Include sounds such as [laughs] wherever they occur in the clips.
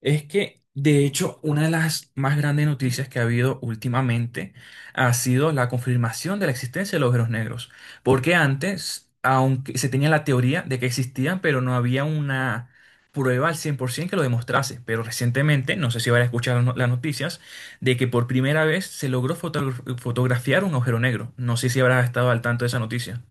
Es que, de hecho, una de las más grandes noticias que ha habido últimamente ha sido la confirmación de la existencia de los agujeros negros. Porque antes, aunque se tenía la teoría de que existían, pero no había una prueba al 100% que lo demostrase. Pero recientemente, no sé si van a escuchar las no- las noticias, de que por primera vez se logró fotografiar un agujero negro. No sé si habrá estado al tanto de esa noticia.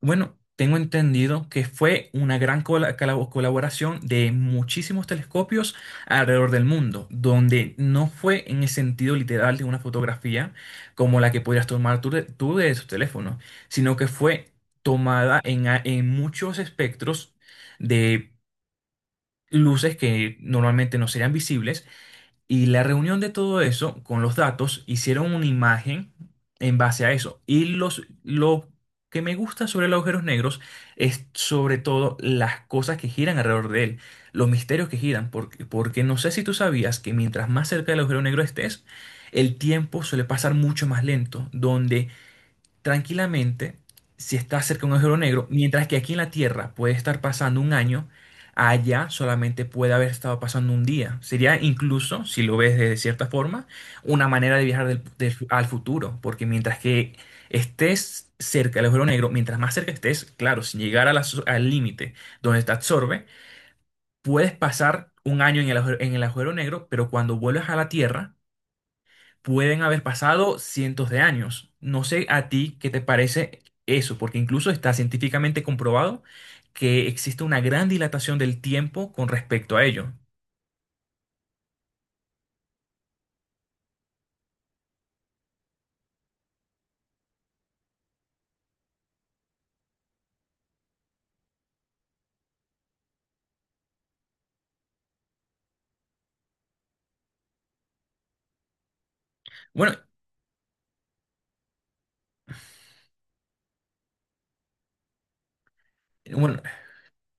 Bueno, tengo entendido que fue una gran colaboración de muchísimos telescopios alrededor del mundo, donde no fue en el sentido literal de una fotografía como la que podrías tomar tú de tu teléfono, sino que fue tomada en, en muchos espectros de luces que normalmente no serían visibles, y la reunión de todo eso con los datos hicieron una imagen en base a eso. Y lo que me gusta sobre los agujeros negros es sobre todo las cosas que giran alrededor de él, los misterios que giran, porque no sé si tú sabías que mientras más cerca del agujero negro estés, el tiempo suele pasar mucho más lento, donde tranquilamente, si está cerca de un agujero negro, mientras que aquí en la Tierra puede estar pasando un año, allá solamente puede haber estado pasando un día. Sería incluso, si lo ves de cierta forma, una manera de viajar al futuro, porque mientras que estés cerca del agujero negro, mientras más cerca estés, claro, sin llegar a la al límite donde te absorbe, puedes pasar un año en en el agujero negro, pero cuando vuelves a la Tierra, pueden haber pasado cientos de años. No sé a ti qué te parece eso, porque incluso está científicamente comprobado que existe una gran dilatación del tiempo con respecto a ello. Bueno, bueno,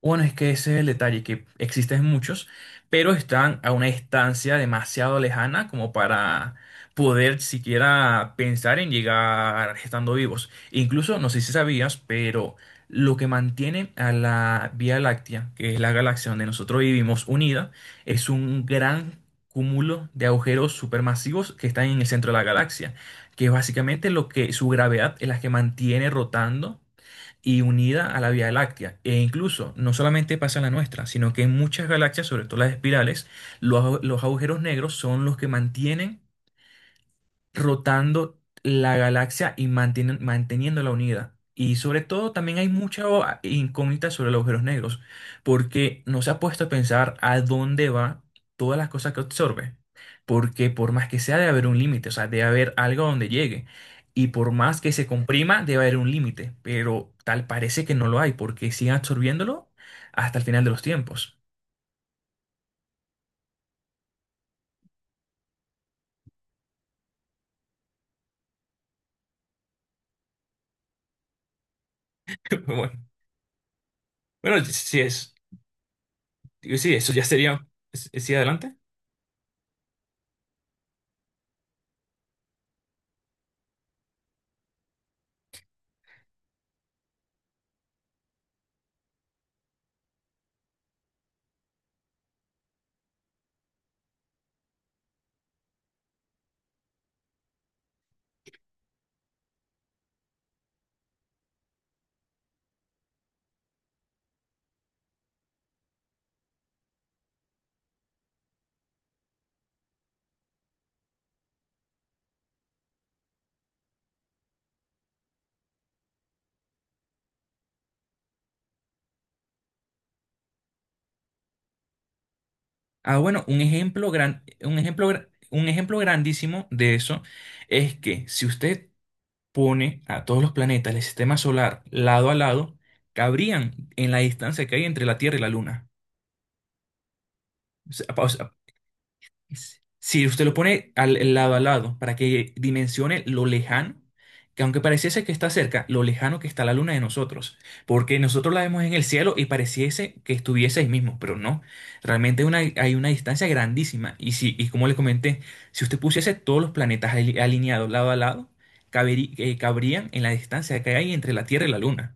Bueno, es que ese es el detalle, que existen muchos, pero están a una distancia demasiado lejana como para poder siquiera pensar en llegar estando vivos. Incluso, no sé si sabías, pero lo que mantiene a la Vía Láctea, que es la galaxia donde nosotros vivimos unida, es un gran cúmulo de agujeros supermasivos que están en el centro de la galaxia, que es básicamente lo que su gravedad es la que mantiene rotando y unida a la Vía Láctea. E incluso no solamente pasa en la nuestra, sino que en muchas galaxias, sobre todo las espirales, los agujeros negros son los que mantienen rotando la galaxia y manteniéndola unida. Y sobre todo también hay mucha incógnita sobre los agujeros negros, porque no se ha puesto a pensar a dónde va todas las cosas que absorbe. Porque por más que sea, debe haber un límite, o sea, debe haber algo a donde llegue. Y por más que se comprima, debe haber un límite, pero tal parece que no lo hay, porque siguen absorbiéndolo hasta el final de los tiempos. [laughs] Bueno, sí sí es, sí, eso ya sería, sí, adelante. Ah, bueno, un ejemplo grandísimo de eso es que si usted pone a todos los planetas del sistema solar lado a lado, cabrían en la distancia que hay entre la Tierra y la Luna. Si usted lo pone al lado a lado para que dimensione lo lejano, que aunque pareciese que está cerca, lo lejano que está la luna de nosotros, porque nosotros la vemos en el cielo y pareciese que estuviese ahí mismo, pero no, realmente hay una distancia grandísima. Y, si, y como le comenté, si usted pusiese todos los planetas alineados lado a lado, cabrían en la distancia que hay entre la Tierra y la luna.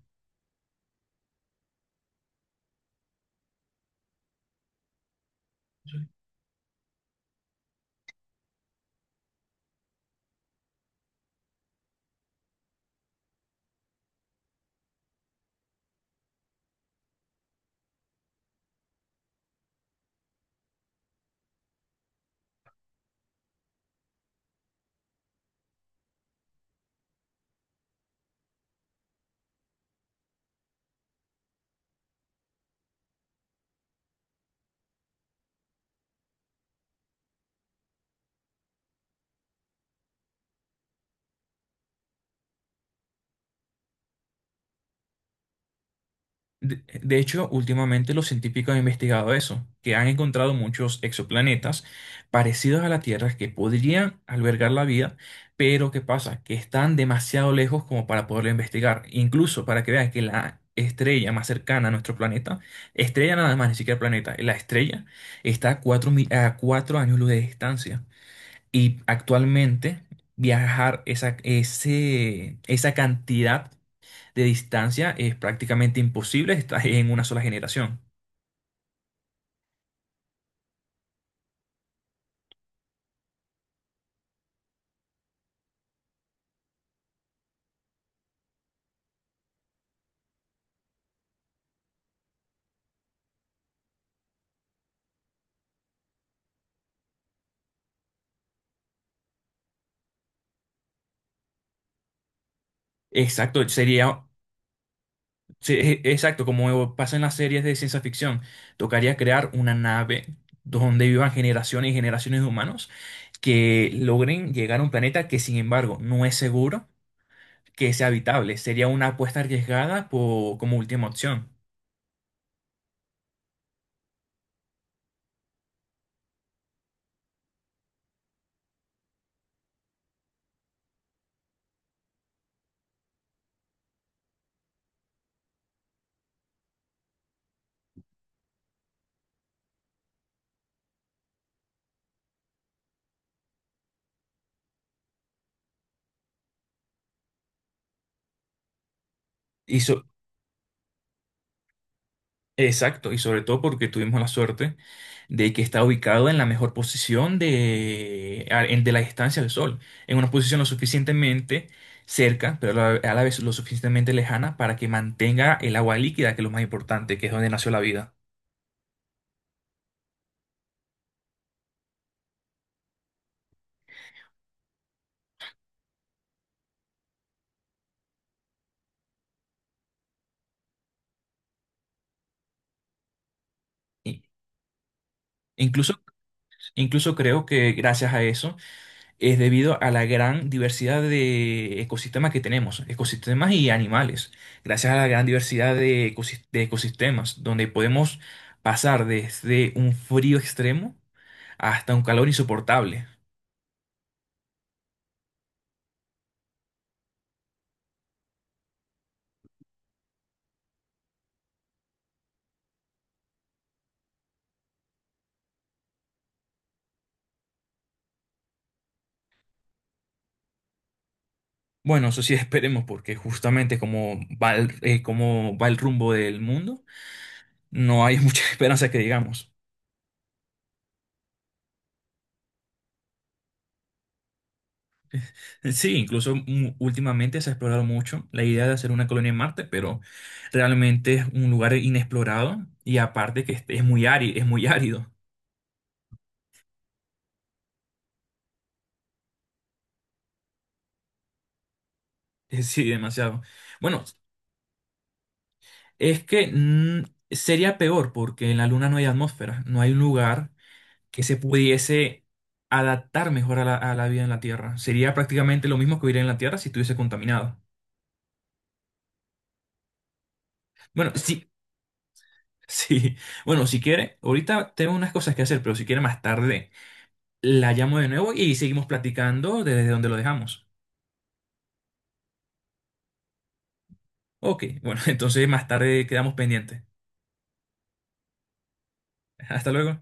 De hecho, últimamente los científicos han investigado eso, que han encontrado muchos exoplanetas parecidos a la Tierra que podrían albergar la vida, pero ¿qué pasa? Que están demasiado lejos como para poderlo investigar. Incluso para que vean que la estrella más cercana a nuestro planeta, estrella nada más, ni siquiera planeta, la estrella está a a 4 años luz de distancia. Y actualmente viajar esa cantidad de distancia es prácticamente imposible, estás en una sola generación. Exacto, exacto, como pasa en las series de ciencia ficción, tocaría crear una nave donde vivan generaciones y generaciones de humanos que logren llegar a un planeta que sin embargo no es seguro que sea habitable. Sería una apuesta arriesgada como última opción. Exacto, y sobre todo porque tuvimos la suerte de que está ubicado en la mejor posición de la distancia del Sol, en una posición lo suficientemente cerca, pero a la vez lo suficientemente lejana para que mantenga el agua líquida, que es lo más importante, que es donde nació la vida. Y- Incluso, incluso creo que gracias a eso es debido a la gran diversidad de ecosistemas que tenemos, ecosistemas y animales, gracias a la gran diversidad de de ecosistemas, donde podemos pasar desde un frío extremo hasta un calor insoportable. Bueno, eso sí [laughs] esperemos, porque justamente como va como va el rumbo del mundo, no hay mucha [laughs] esperanza que digamos. Sí, incluso últimamente se ha explorado mucho la idea de hacer una colonia en Marte, pero realmente es un lugar inexplorado y aparte que este es muy árido, es muy árido. [laughs] Sí, demasiado. Bueno, es que sería peor porque en la Luna no hay atmósfera, no hay un lugar que se pudiese adaptar mejor a a la vida en la Tierra. Sería prácticamente lo mismo que vivir en la Tierra si estuviese contaminado. Bueno, sí, [laughs] sí. Bueno, si quiere, ahorita tengo unas cosas que hacer, pero si quiere más tarde. La llamo de nuevo y seguimos platicando desde donde lo dejamos. Ok, bueno, [laughs] entonces más tarde quedamos pendientes. [laughs] Hasta luego.